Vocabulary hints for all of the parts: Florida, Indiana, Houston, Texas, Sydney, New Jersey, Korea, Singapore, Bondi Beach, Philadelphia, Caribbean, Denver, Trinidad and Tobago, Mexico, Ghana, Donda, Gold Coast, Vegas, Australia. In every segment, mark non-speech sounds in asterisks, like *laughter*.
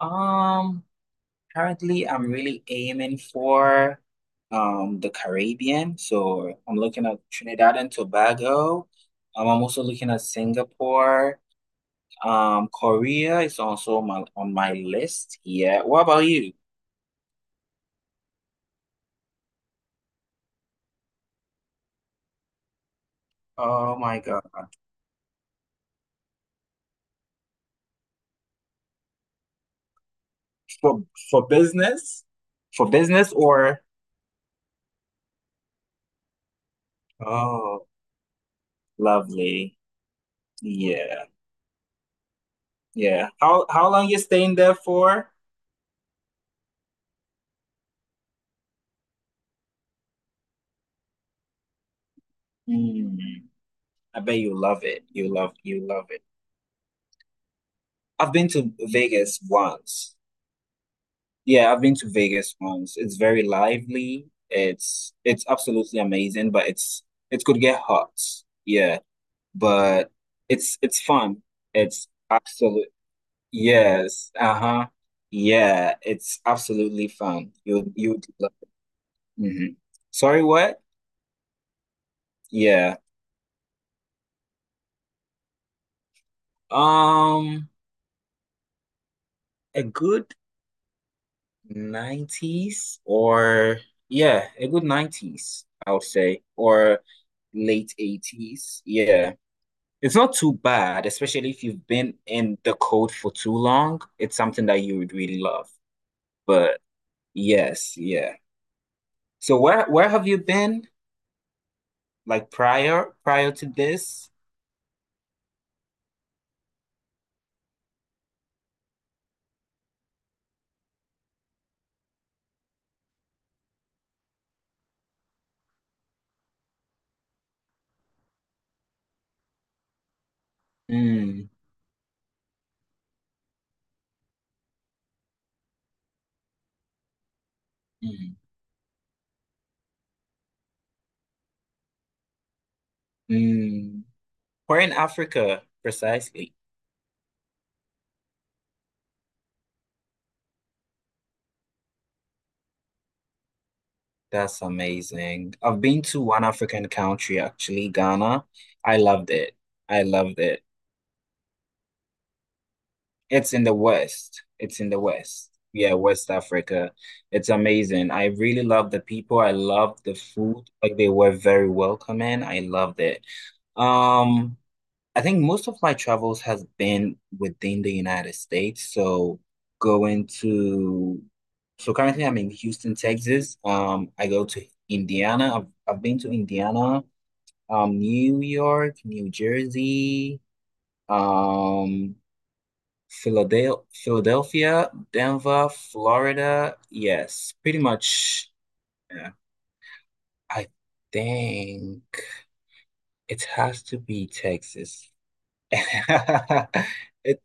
Um, currently I'm really aiming for the Caribbean. So I'm looking at Trinidad and Tobago. I'm also looking at Singapore. Korea is also on my list. Yeah. What about you? Oh my God. For for business? For business or oh, lovely. Yeah. Yeah. How long you staying there for? Mm, I bet you love it. You love it. I've been to Vegas once. Yeah, I've been to Vegas once. It's very lively. It's absolutely amazing, but it could get hot. Yeah, but it's fun. It's absolute Yes. Uh-huh. Yeah, it's absolutely fun. You would love it. hmm Sorry, what? Yeah. Um, a good 90s or yeah, a good 90s, I would say, or late 80s. Yeah. It's not too bad, especially if you've been in the cold for too long. It's something that you would really love. But yes, yeah. So where have you been like prior to this? Mm, mm, mm. Where in Africa precisely? That's amazing. I've been to one African country, actually, Ghana. I loved it. I loved it. It's in the West. It's in the West. Yeah, West Africa. It's amazing. I really love the people. I love the food. Like they were very welcoming. I loved it. Um, I think most of my travels has been within the United States. Going to, so currently I'm in Houston, Texas. I go to Indiana. I've been to Indiana, New York, New Jersey, um, Philadelphia, Denver, Florida. Yes, pretty much. Yeah, I think it has to be Texas. *laughs* It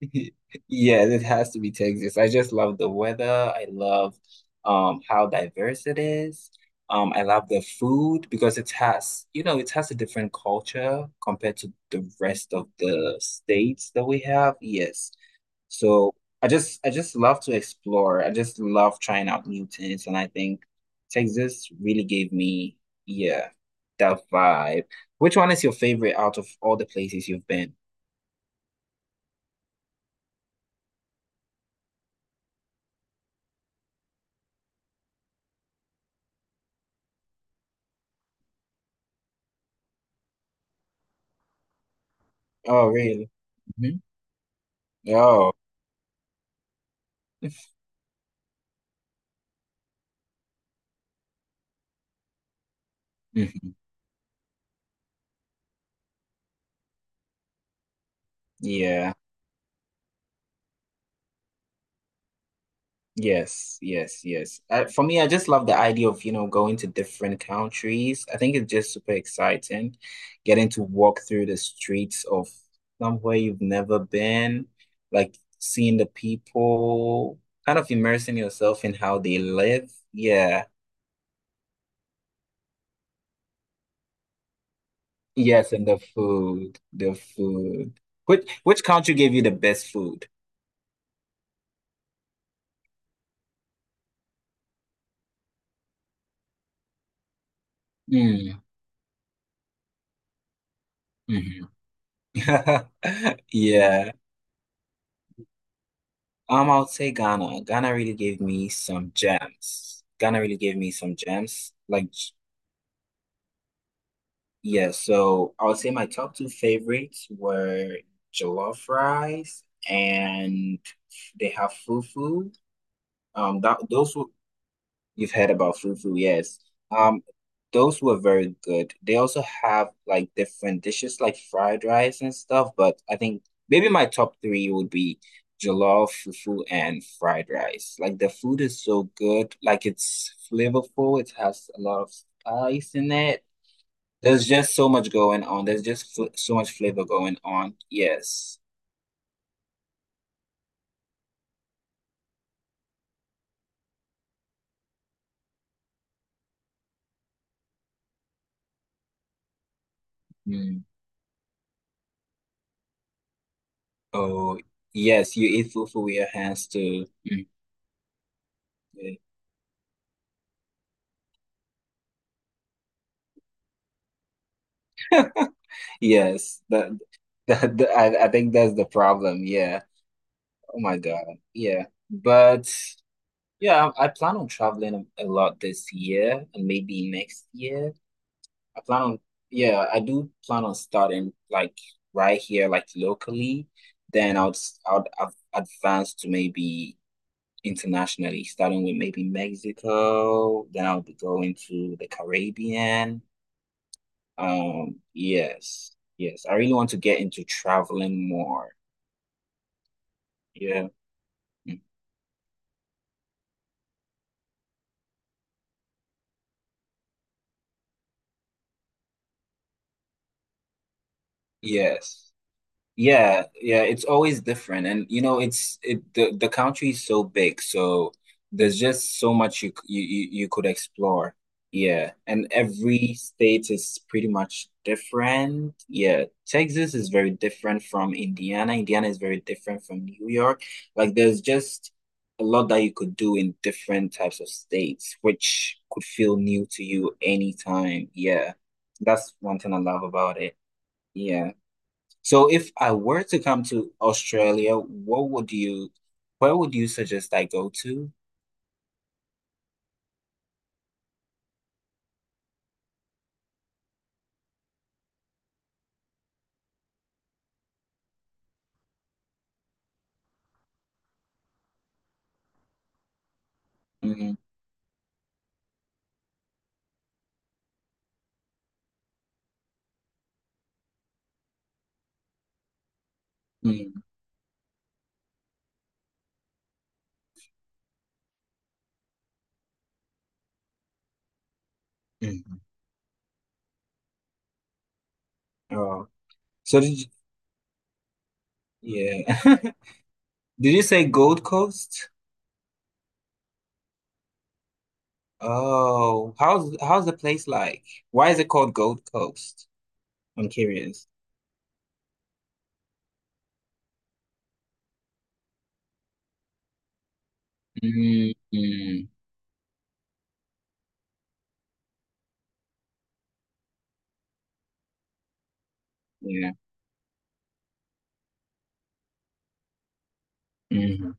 *laughs* Yeah, it has to be Texas. I just love the weather. I love how diverse it is. I love the food because it has a different culture compared to the rest of the states that we have. Yes. So I just love to explore. I just love trying out new things, and I think Texas really gave me, yeah, that vibe. Which one is your favorite out of all the places you've been? Oh, really? Mm-hmm. Oh, mhm. Yeah. Yes, yes, yes. For me, I just love the idea of going to different countries. I think it's just super exciting getting to walk through the streets of somewhere you've never been, like seeing the people, kind of immersing yourself in how they live. Yeah. Yes, and the food, the food. Which country gave you the best food? Mm, mhm. *laughs* Yeah. I would say Ghana. Ghana really gave me some gems. Ghana really gave me some gems. Like, yeah, so I would say my top two favorites were jollof rice and they have fufu. That those were You've heard about fufu, yes. Um, those were very good. They also have like different dishes like fried rice and stuff, but I think maybe my top three would be jollof, fufu, and fried rice. Like the food is so good. Like it's flavorful. It has a lot of spice in it. There's just so much going on. There's just fl so much flavor going on. Yes. Mm. Oh, yes. You eat fufu with your hands too. Mm. Yes, I think that's the problem. Yeah. Oh my God. Yeah. But yeah, I plan on traveling a lot this year and maybe next year. I plan on, yeah, I do plan on starting like right here, like locally. Then I'll, s- I'll, I advance to maybe internationally, starting with maybe Mexico. Then I'll be going to the Caribbean. Yes. Yes, I really want to get into traveling more. Yeah. Mm. Yes. Yeah, yeah, it's always different. And it's it the country is so big, so there's just so much you c- you could explore. Yeah. And every state is pretty much different. Yeah. Texas is very different from Indiana. Indiana is very different from New York. Like there's just a lot that you could do in different types of states, which could feel new to you anytime. Yeah. That's one thing I love about it. Yeah. So if I were to come to Australia, where would you suggest I go to? Mm, mm, mm. Oh, so yeah. *laughs* Did you say Gold Coast? Oh, how's the place like? Why is it called Gold Coast? I'm curious. Mm, mm. Yeah. hmm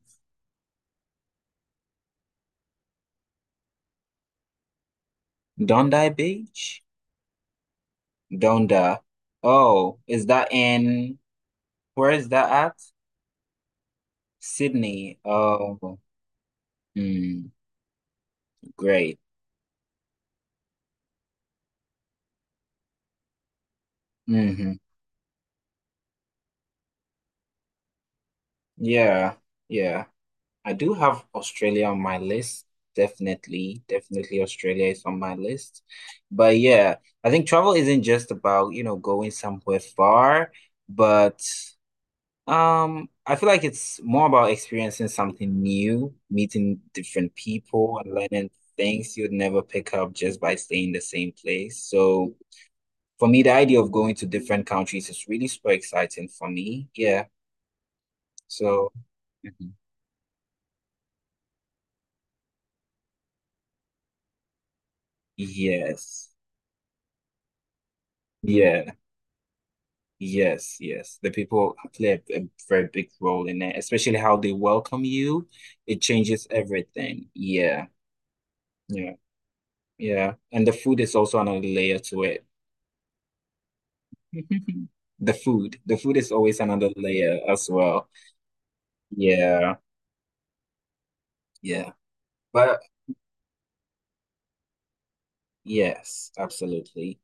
Bondi Beach? Donda. Oh, where is that at? Sydney. Oh, mm, great. hmm Yeah, yeah. I do have Australia on my list. Definitely, definitely Australia is on my list. But yeah, I think travel isn't just about going somewhere far, but I feel like it's more about experiencing something new, meeting different people and learning things you'd never pick up just by staying in the same place. So for me, the idea of going to different countries is really super exciting for me. Yeah. So Yes. Yeah. Yes. Yes. The people play a very big role in it, especially how they welcome you. It changes everything. Yeah. Yeah. Yeah. And the food is also another layer to it. *laughs* The food. The food is always another layer as well. Yeah. Yeah. But yes, absolutely.